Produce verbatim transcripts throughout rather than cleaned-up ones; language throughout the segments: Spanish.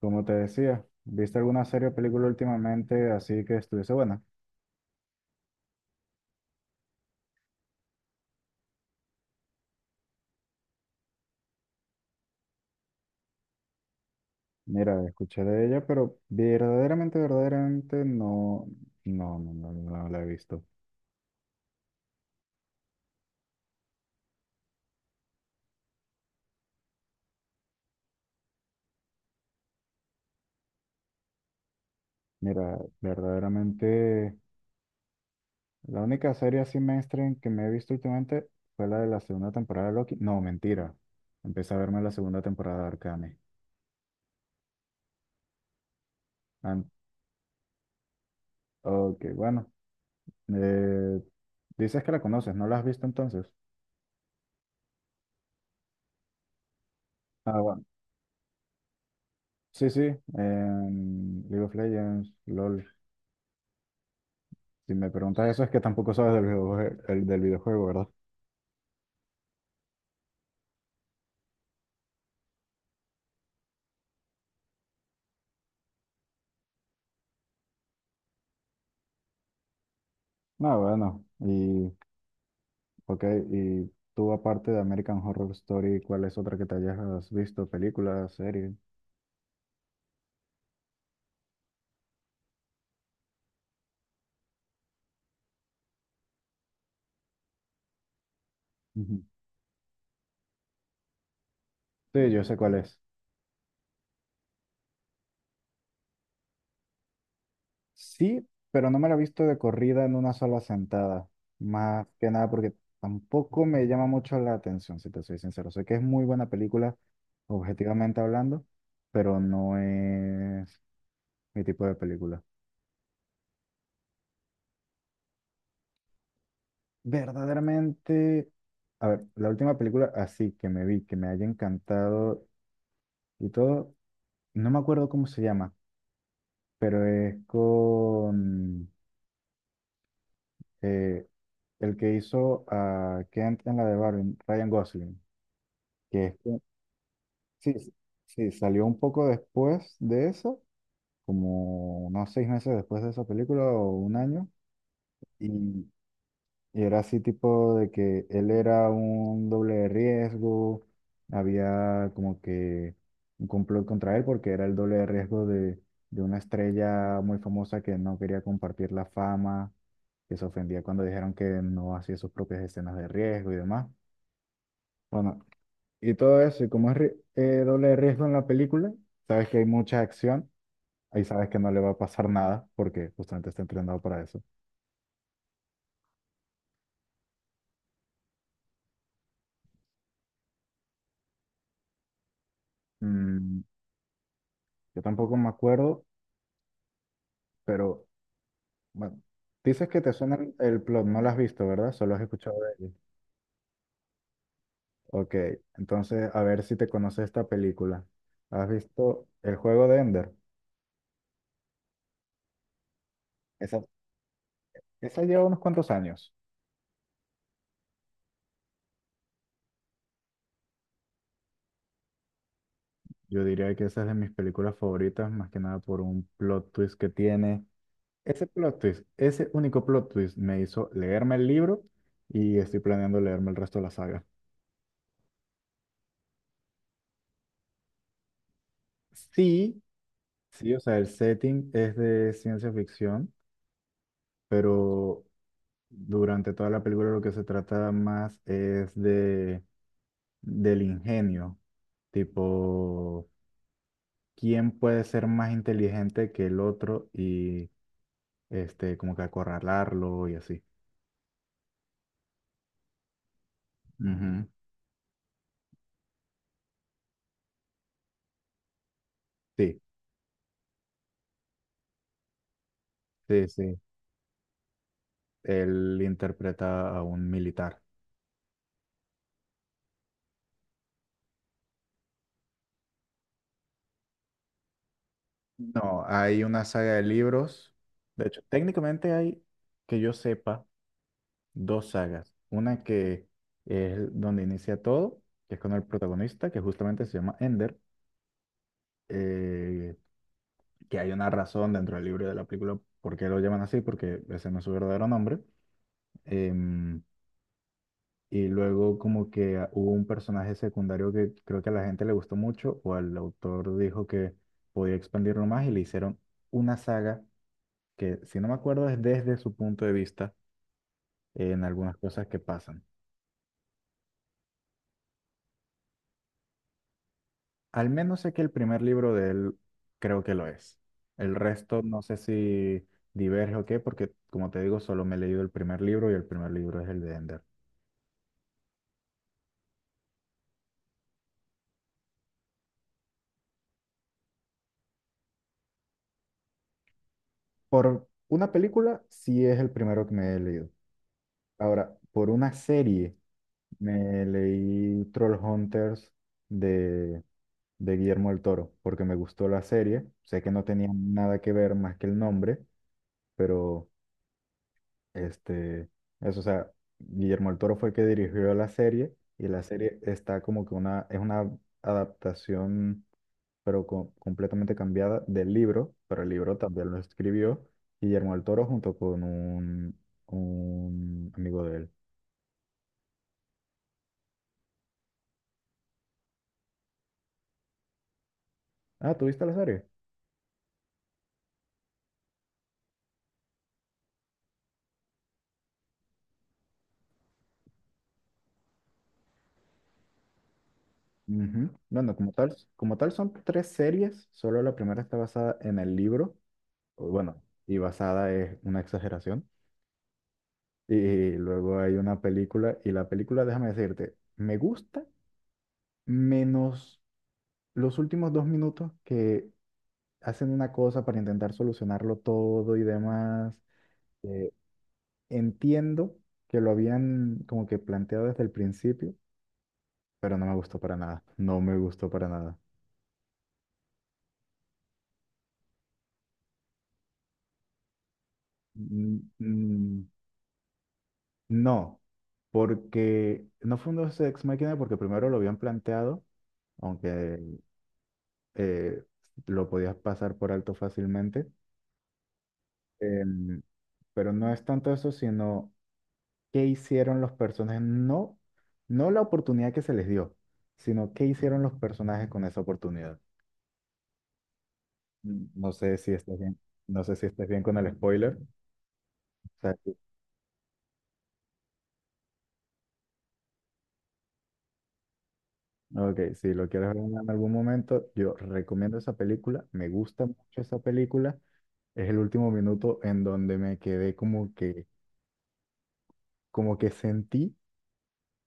Como te decía, ¿viste alguna serie o película últimamente así que estuviese buena? Mira, escuché de ella, pero verdaderamente, verdaderamente no, no, no, no, no la he visto. Mira, verdaderamente, la única serie así mainstream que me he visto últimamente fue la de la segunda temporada de Loki. No, mentira. Empecé a verme la segunda temporada de Arcane. An- ok, bueno. eh, Dices que la conoces, ¿no la has visto entonces? Ah, bueno. Sí, sí, en League of Legends, LOL. Si me preguntas eso es que tampoco sabes del videojuego, el, del videojuego, ¿verdad? No, bueno, y ok, y tú aparte de American Horror Story, ¿cuál es otra que te hayas visto? ¿Película, serie? Ujú. Sí, yo sé cuál es. Sí, pero no me la he visto de corrida en una sola sentada. Más que nada porque tampoco me llama mucho la atención, si te soy sincero. Sé que es muy buena película, objetivamente hablando, pero no es mi tipo de película. Verdaderamente, a ver, la última película así que me vi, que me haya encantado y todo, no me acuerdo cómo se llama, pero es con eh, el que hizo a Kent en la de Barbie, Ryan Gosling, que es que- sí, sí, sí, salió un poco después de eso, como unos seis meses después de esa película o un año, y Y era así tipo de que él era un doble de riesgo, había como que un complot contra él porque era el doble de riesgo de, de una estrella muy famosa que no quería compartir la fama, que se ofendía cuando dijeron que no hacía sus propias escenas de riesgo y demás. Bueno, y todo eso, y como es ri- eh, doble de riesgo en la película, sabes que hay mucha acción, ahí sabes que no le va a pasar nada porque justamente está entrenado para eso. Mm, yo tampoco me acuerdo, pero... Bueno, dices que te suena el el plot, no lo has visto, ¿verdad? Solo has escuchado de él. Ok, entonces a ver si te conoces esta película. ¿Has visto El juego de Ender? Esa, esa lleva unos cuantos años. Yo diría que esa es de mis películas favoritas, más que nada por un plot twist que tiene. Ese plot twist, ese único plot twist me hizo leerme el libro y estoy planeando leerme el resto de la saga. Sí, sí, o sea, el setting es de ciencia ficción, pero durante toda la película lo que se trata más es de del ingenio, tipo, ¿quién puede ser más inteligente que el otro y este como que acorralarlo y así? Ujú. Sí, sí, sí. Él interpreta a un militar. No, hay una saga de libros. De hecho, técnicamente hay, que yo sepa, dos sagas. Una que es donde inicia todo, que es con el protagonista, que justamente se llama Ender. eh, que hay una razón dentro del libro y de la película por qué lo llaman así, porque ese no es su verdadero nombre. Em, y luego como que a- hubo un personaje secundario que creo que a la gente le gustó mucho o el autor dijo que podía expandirlo más y le hicieron una saga que, si no me acuerdo, es desde su punto de vista en algunas cosas que pasan. Al menos sé que el primer libro de él creo que lo es. El resto no sé si diverge o qué, porque como te digo, solo me he leído el primer libro y el primer libro es el de Ender. Por una película, sí es el primero que me he leído. Ahora, por una serie, me leí Trollhunters de, de Guillermo del Toro, porque me gustó la serie. Sé que no tenía nada que ver más que el nombre, pero este, eso, o sea, Guillermo el Toro fue el que dirigió la serie y la serie está como que una, es una adaptación, pero co- completamente cambiada del libro, pero el libro también lo escribió Guillermo el Toro junto con un, un amigo de él. Ah, ¿tú viste la serie? Ujú. Bueno, como tal, como tal son tres series, solo la primera está basada en el libro, o bueno, y basada es una exageración. Y luego hay una película, y la película, déjame decirte, me gusta menos los últimos dos minutos que hacen una cosa para intentar solucionarlo todo y demás. Eh, Entiendo que lo habían como que planteado desde el principio, pero no me gustó para nada. No me gustó para nada. Mm, mm, No, porque no fue un Dos Ex Machina porque primero lo habían planteado, aunque eh, lo podías pasar por alto fácilmente. Em, pero no es tanto eso, sino qué hicieron los personajes, no, no la oportunidad que se les dio, sino qué hicieron los personajes con esa oportunidad. Mm, No sé si estás bien, no sé si estás bien con el spoiler. O sea, sí. Ok, si lo quieres ver en algún momento, yo recomiendo esa película, me gusta mucho esa película. Es el último minuto en donde me quedé como que, como que, sentí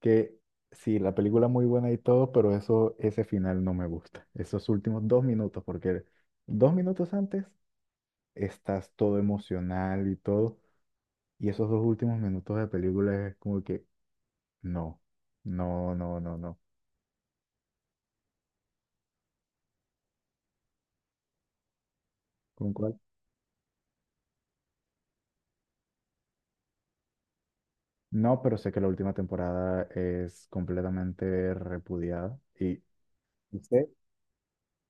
que sí, la película muy buena y todo, pero eso, ese final no me gusta. Esos últimos dos minutos, porque dos minutos antes estás todo emocional y todo, y esos dos últimos minutos de película es como que no, no, no, no, no. ¿Con cuál? No, pero sé que la última temporada es completamente repudiada y, ¿Y sé?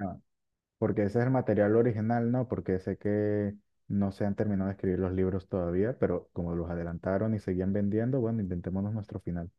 ah, Porque ese es el material original, ¿no? Porque sé que no se han terminado de escribir los libros todavía, pero como los adelantaron y seguían vendiendo, bueno, inventémonos nuestro final.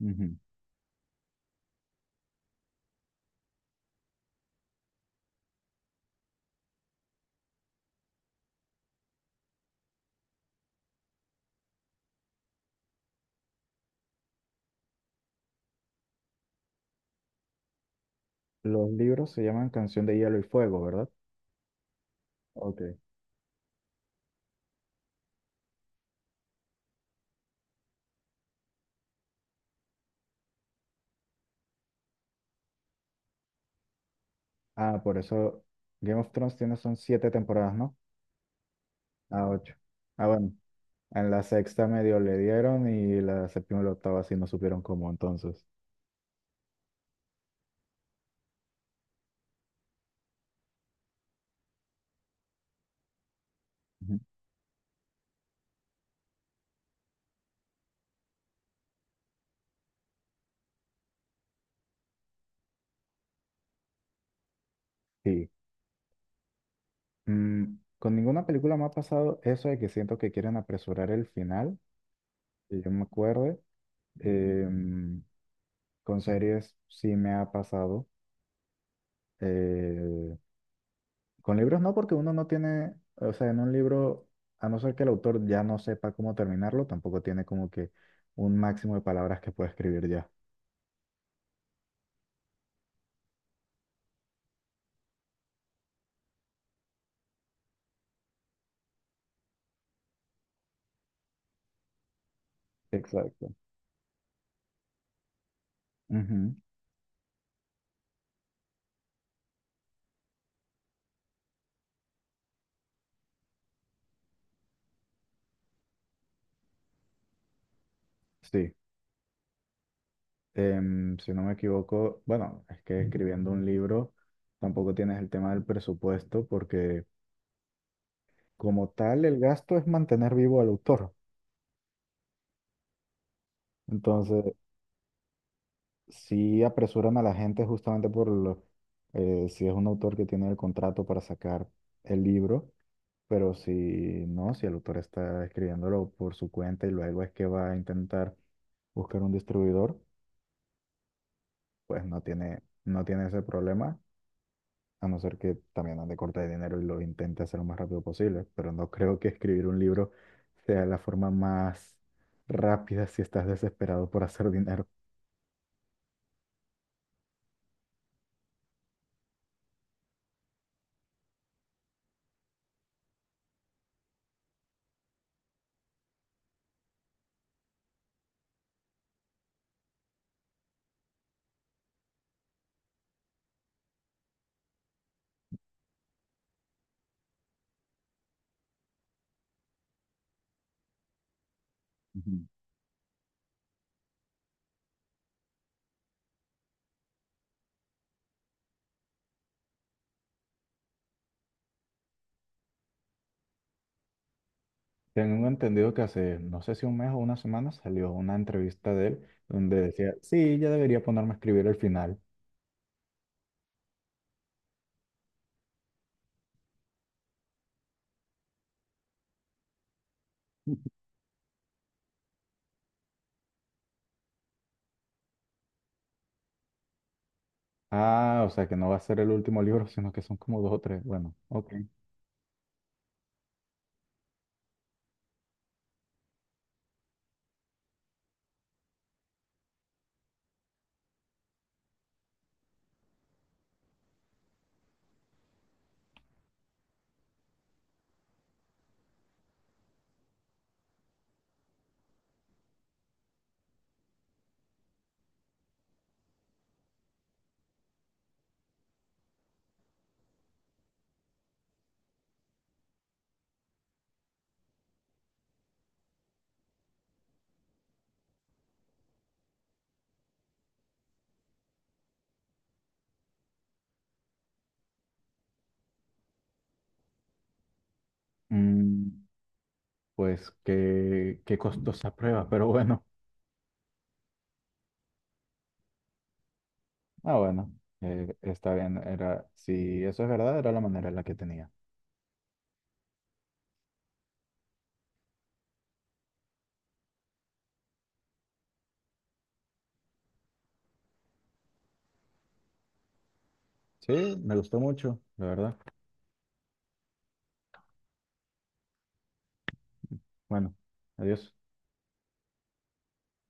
Ujú. Los libros se llaman Canción de Hielo y Fuego, ¿verdad? Ok. Ah, por eso Game of Thrones tiene son siete temporadas, ¿no? Ah, ocho. Ah, bueno. En la sexta medio le dieron y la séptima y la octava sí no supieron cómo entonces. Ujú. Sí. Mm, con ninguna película me ha pasado eso de que siento que quieren apresurar el final, que yo me acuerde. Eh, con series sí me ha pasado. Eh, con libros no, porque uno no tiene, o sea, en un libro, a no ser que el autor ya no sepa cómo terminarlo, tampoco tiene como que un máximo de palabras que puede escribir ya. Exacto. Ujú. Sí. Em, si no me equivoco, bueno, es que escribiendo un libro tampoco tienes el tema del presupuesto porque como tal el gasto es mantener vivo al autor. Entonces, sí apresuran a la gente justamente por lo- eh, si es un autor que tiene el contrato para sacar el libro, pero si no, si el autor está escribiéndolo por su cuenta y luego es que va a intentar buscar un distribuidor, pues no tiene, no tiene ese problema, a no ser que también ande corta de dinero y lo intente hacer lo más rápido posible, pero no creo que escribir un libro sea la forma más rápida si estás desesperado por hacer dinero. Tengo entendido que hace, no sé si un mes o una semana, salió una entrevista de él donde decía, sí, ya debería ponerme a escribir el final. Ah, o sea que no va a ser el último libro, sino que son como dos o tres. Bueno, ok. Mm, pues qué, qué costosa prueba, pero bueno. Ah, bueno, eh, está bien. Era, si eso es verdad, era la manera en la que tenía. Sí, me gustó mucho, la verdad. Bueno, adiós.